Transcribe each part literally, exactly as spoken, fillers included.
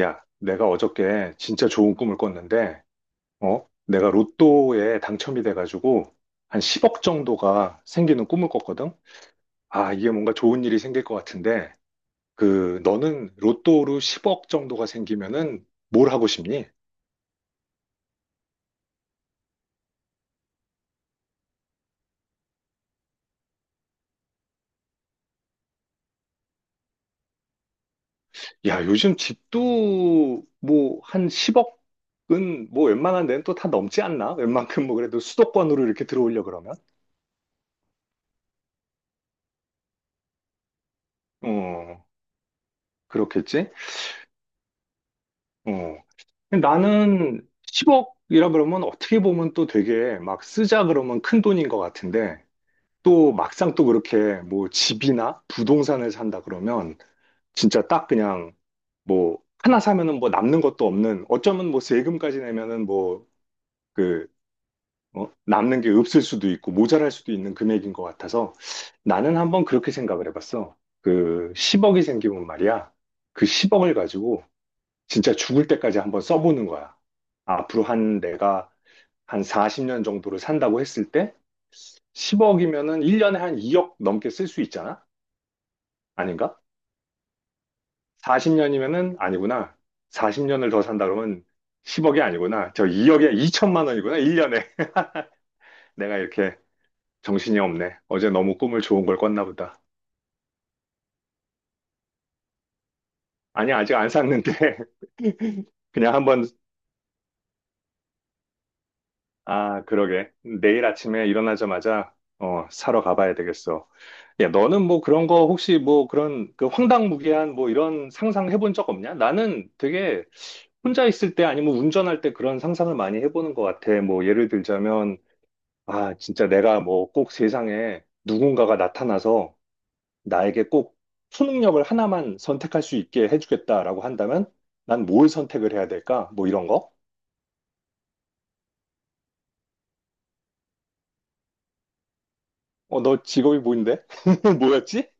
야, 내가 어저께 진짜 좋은 꿈을 꿨는데, 어? 내가 로또에 당첨이 돼가지고 한 십억 정도가 생기는 꿈을 꿨거든? 아, 이게 뭔가 좋은 일이 생길 것 같은데, 그, 너는 로또로 십억 정도가 생기면은 뭘 하고 싶니? 야, 요즘 집도 뭐 한 십억은 뭐 웬만한 데는 또 다 넘지 않나? 웬만큼 뭐 그래도 수도권으로 이렇게 들어오려 그러면? 어, 그렇겠지? 어, 나는 십억이라 그러면 어떻게 보면 또 되게 막 쓰자 그러면 큰 돈인 것 같은데 또 막상 또 그렇게 뭐 집이나 부동산을 산다 그러면 진짜 딱 그냥 뭐 하나 사면은 뭐 남는 것도 없는 어쩌면 뭐 세금까지 내면은 뭐그 어? 남는 게 없을 수도 있고 모자랄 수도 있는 금액인 것 같아서 나는 한번 그렇게 생각을 해봤어. 그 십억이 생기면 말이야. 그 십억을 가지고 진짜 죽을 때까지 한번 써보는 거야. 앞으로 한 내가 한 사십 년 정도를 산다고 했을 때 십억이면은 일 년에 한 이억 넘게 쓸 수 있잖아? 아닌가? 사십 년이면은 아니구나. 사십 년을 더 산다 그러면 십억이 아니구나. 저 이억에 이천만 원이구나. 일 년에. 내가 이렇게 정신이 없네. 어제 너무 꿈을 좋은 걸 꿨나 보다. 아니, 아직 안 샀는데 그냥 한번 아, 그러게. 내일 아침에 일어나자마자, 어, 사러 가봐야 되겠어. 야, 너는 뭐 그런 거 혹시 뭐 그런 그 황당무계한 뭐 이런 상상 해본 적 없냐? 나는 되게 혼자 있을 때 아니면 운전할 때 그런 상상을 많이 해보는 것 같아. 뭐 예를 들자면, 아, 진짜 내가 뭐 꼭 세상에 누군가가 나타나서 나에게 꼭 초능력을 하나만 선택할 수 있게 해주겠다라고 한다면 난 뭘 선택을 해야 될까? 뭐 이런 거? 어, 너 직업이 뭐인데? 뭐였지?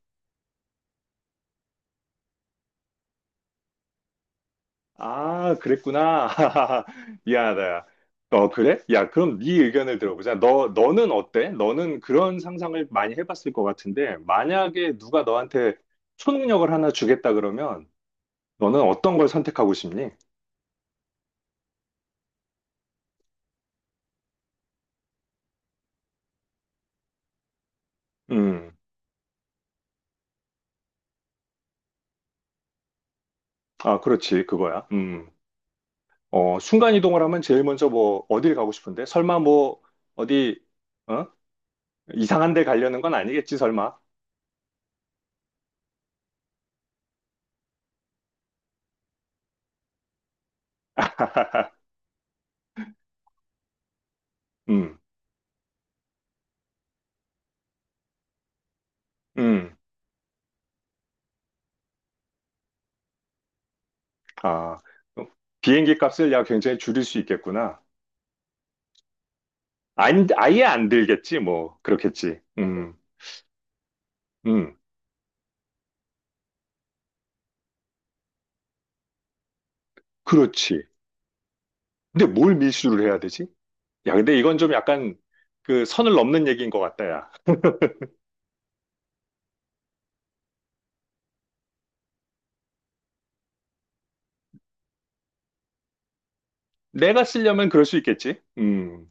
아, 그랬구나. 미안하다. 어, 그래? 야, 그럼 네 의견을 들어보자. 너, 너는 어때? 너는 그런 상상을 많이 해봤을 것 같은데, 만약에 누가 너한테 초능력을 하나 주겠다 그러면, 너는 어떤 걸 선택하고 싶니? 음, 아, 그렇지. 그거야. 음, 어, 순간이동을 하면 제일 먼저 뭐, 어딜 가고 싶은데? 설마 뭐, 어디, 어? 이상한 데 가려는 건 아니겠지, 설마? 음, 음, 아, 어, 비행기 값을 야, 굉장히 줄일 수 있겠구나. 안, 아예 안 들겠지, 뭐. 그렇겠지. 음, 음, 그렇지. 근데 뭘 밀수를 해야 되지? 야, 근데 이건 좀 약간 그 선을 넘는 얘기인 것 같다, 야. 내가 쓰려면 그럴 수 있겠지? 음,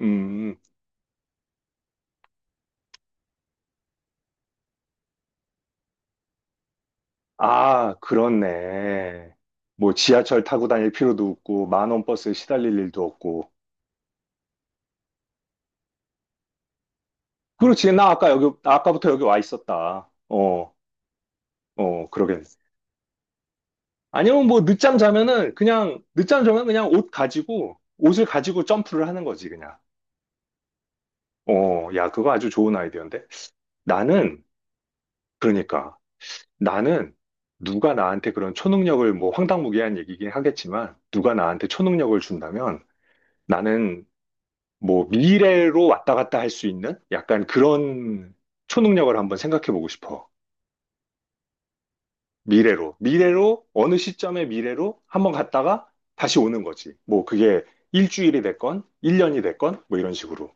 음. 아, 그렇네. 뭐 지하철 타고 다닐 필요도 없고, 만원 버스에 시달릴 일도 없고. 그렇지. 나 아까 여기, 나 아까부터 여기 와 있었다. 어, 어, 그러겠네. 아니면 뭐 늦잠 자면은 그냥, 늦잠 자면 그냥 옷 가지고, 옷을 가지고 점프를 하는 거지, 그냥. 어, 야, 그거 아주 좋은 아이디어인데? 나는, 그러니까, 나는 누가 나한테 그런 초능력을, 뭐 황당무계한 얘기긴 하겠지만, 누가 나한테 초능력을 준다면 나는 뭐 미래로 왔다 갔다 할 수 있는 약간 그런 초능력을 한번 생각해 보고 싶어. 미래로. 미래로, 어느 시점의 미래로 한번 갔다가 다시 오는 거지. 뭐 그게 일주일이 됐건, 일년이 됐건, 뭐 이런 식으로.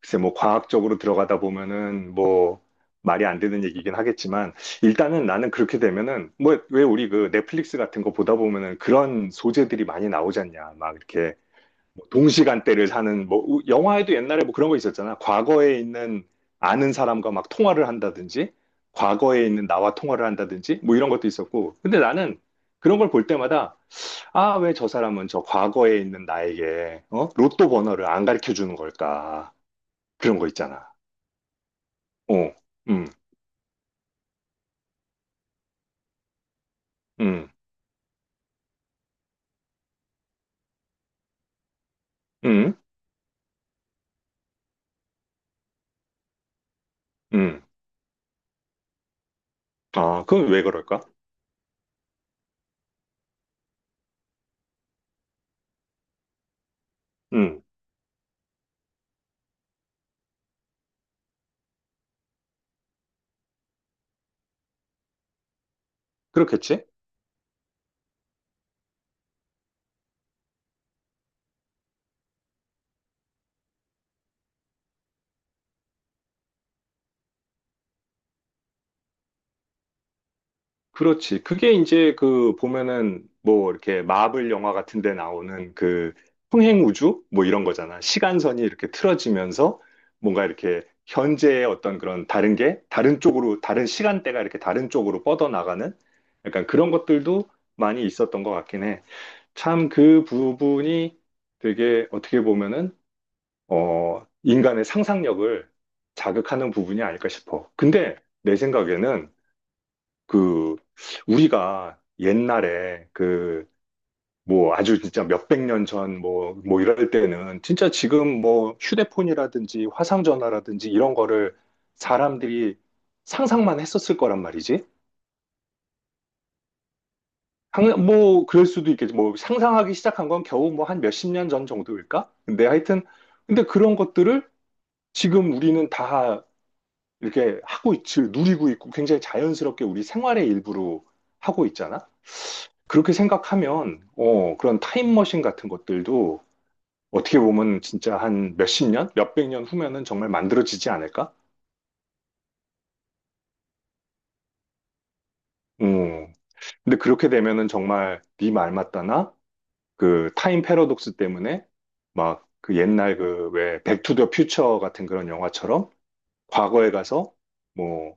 글쎄 뭐 과학적으로 들어가다 보면은 뭐 말이 안 되는 얘기긴 하겠지만 일단은 나는 그렇게 되면은 뭐 왜 우리 그 넷플릭스 같은 거 보다 보면은 그런 소재들이 많이 나오지 않냐 막 이렇게 뭐 동시간대를 사는 뭐 우- 영화에도 옛날에 뭐 그런 거 있었잖아 과거에 있는 아는 사람과 막 통화를 한다든지 과거에 있는 나와 통화를 한다든지 뭐 이런 것도 있었고 근데 나는 그런 걸 볼 때마다 아 왜 저 사람은 저 과거에 있는 나에게 어? 로또 번호를 안 가르쳐 주는 걸까 그런 거 있잖아. 어, 음, 음, 음, 음. 아, 그건 왜 그럴까? 음, 그렇겠지? 그렇지. 그게 이제 그 보면은 뭐 이렇게 마블 영화 같은 데 나오는 그 평행 우주? 뭐 이런 거잖아. 시간선이 이렇게 틀어지면서 뭔가 이렇게 현재의 어떤 그런 다른 게 다른 쪽으로, 다른 시간대가 이렇게 다른 쪽으로 뻗어나가는 약간 그런 것들도 많이 있었던 것 같긴 해. 참 그 부분이 되게 어떻게 보면은 어, 인간의 상상력을 자극하는 부분이 아닐까 싶어. 근데 내 생각에는 그 우리가 옛날에 그 뭐 아주 진짜 몇백 년 전 뭐 뭐 이럴 때는 진짜 지금 뭐 휴대폰이라든지 화상전화라든지 이런 거를 사람들이 상상만 했었을 거란 말이지. 상- 뭐 그럴 수도 있겠지. 뭐 상상하기 시작한 건 겨우 뭐 한 몇십 년 전 정도일까? 근데 하여튼 근데 그런 것들을 지금 우리는 다 이렇게 하고 있지, 누리고 있고 굉장히 자연스럽게 우리 생활의 일부로 하고 있잖아? 그렇게 생각하면, 어, 그런 타임머신 같은 것들도 어떻게 보면 진짜 한 몇십 년? 몇백 년 후면은 정말 만들어지지 않을까? 음. 근데 그렇게 되면은 정말 네 말 맞다나? 그 타임 패러독스 때문에 막 그 옛날 그 왜 백투더 퓨처 같은 그런 영화처럼 과거에 가서 뭐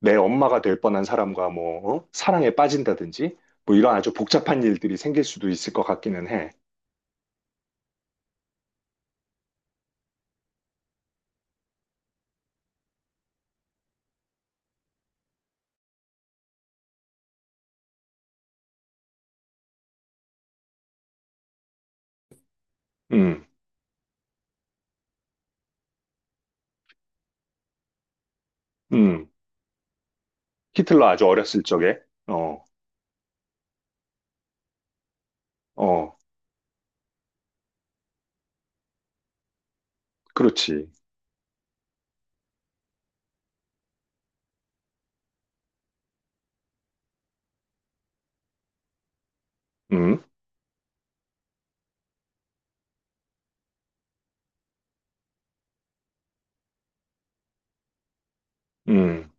내 엄마가 될 뻔한 사람과 뭐, 어? 사랑에 빠진다든지, 뭐 이런 아주 복잡한 일들이 생길 수도 있을 것 같기는 해. 음, 음. 히틀러 아주 어렸을 적에, 어, 어, 그렇지. 음, 음,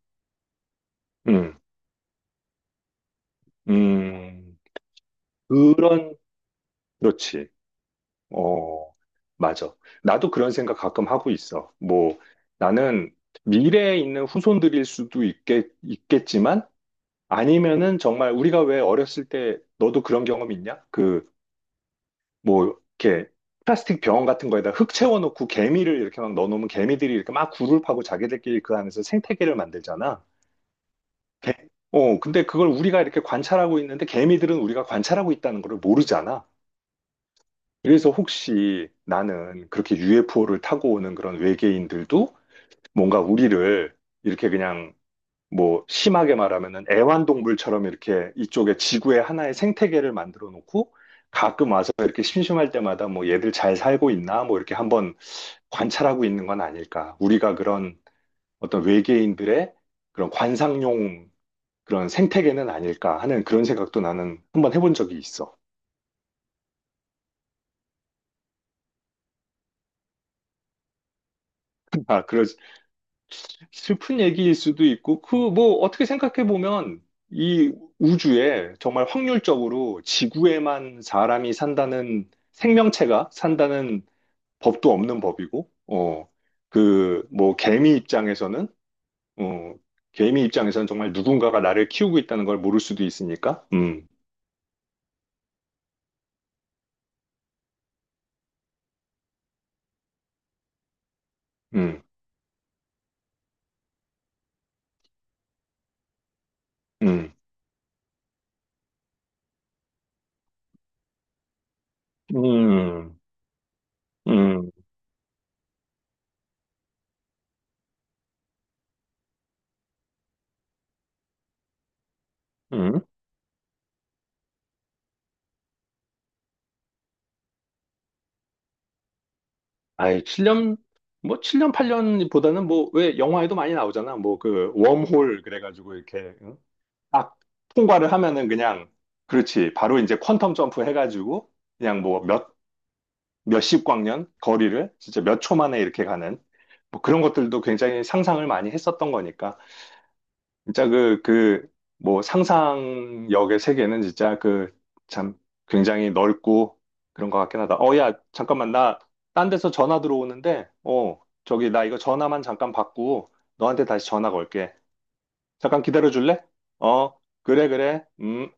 음, 음. 그런, 그렇지. 어, 맞아. 나도 그런 생각 가끔 하고 있어. 뭐, 나는 미래에 있는 후손들일 수도 있겠, 있겠지만, 아니면은 정말 우리가 왜 어렸을 때 너도 그런 경험 있냐? 그 뭐 이렇게 플라스틱 병 같은 거에다 흙 채워놓고 개미를 이렇게 막 넣어놓으면 개미들이 이렇게 막 굴을 파고 자기들끼리 그 안에서 생태계를 만들잖아. 개- 어, 근데 그걸 우리가 이렇게 관찰하고 있는데 개미들은 우리가 관찰하고 있다는 걸 모르잖아. 그래서 혹시 나는 그렇게 유에프오를 타고 오는 그런 외계인들도 뭔가 우리를 이렇게 그냥 뭐 심하게 말하면은 애완동물처럼 이렇게 이쪽에 지구의 하나의 생태계를 만들어 놓고 가끔 와서 이렇게 심심할 때마다 뭐 얘들 잘 살고 있나 뭐 이렇게 한번 관찰하고 있는 건 아닐까. 우리가 그런 어떤 외계인들의 그런 관상용 그런 생태계는 아닐까 하는 그런 생각도 나는 한번 해본 적이 있어. 아, 그러, 슬픈 얘기일 수도 있고, 그, 뭐, 어떻게 생각해 보면, 이 우주에 정말 확률적으로 지구에만 사람이 산다는 생명체가 산다는 법도 없는 법이고, 어, 그, 뭐, 개미 입장에서는, 어, 개미 입장에서는 정말 누군가가 나를 키우고 있다는 걸 모를 수도 있으니까, 음, 음, 음, 음, 음, 음, 음. 아이, 칠 년, 뭐, 칠년 팔 년보다는 뭐, 왜 영화에도 많이 나오잖아. 뭐, 그, 웜홀, 그래가지고, 이렇게, 응? 딱 통과를 하면은 그냥, 그렇지. 바로 이제 퀀텀 점프 해가지고, 그냥 뭐, 몇, 몇십 광년 거리를 진짜 몇 초 만에 이렇게 가는, 뭐, 그런 것들도 굉장히 상상을 많이 했었던 거니까. 진짜 그, 그, 뭐 상상력의 세계는 진짜 그 참 굉장히 넓고 그런 것 같긴 하다. 어, 야, 잠깐만. 나 딴 데서 전화 들어오는데, 어, 저기 나 이거 전화만 잠깐 받고 너한테 다시 전화 걸게. 잠깐 기다려 줄래? 어, 그래, 그래. 음.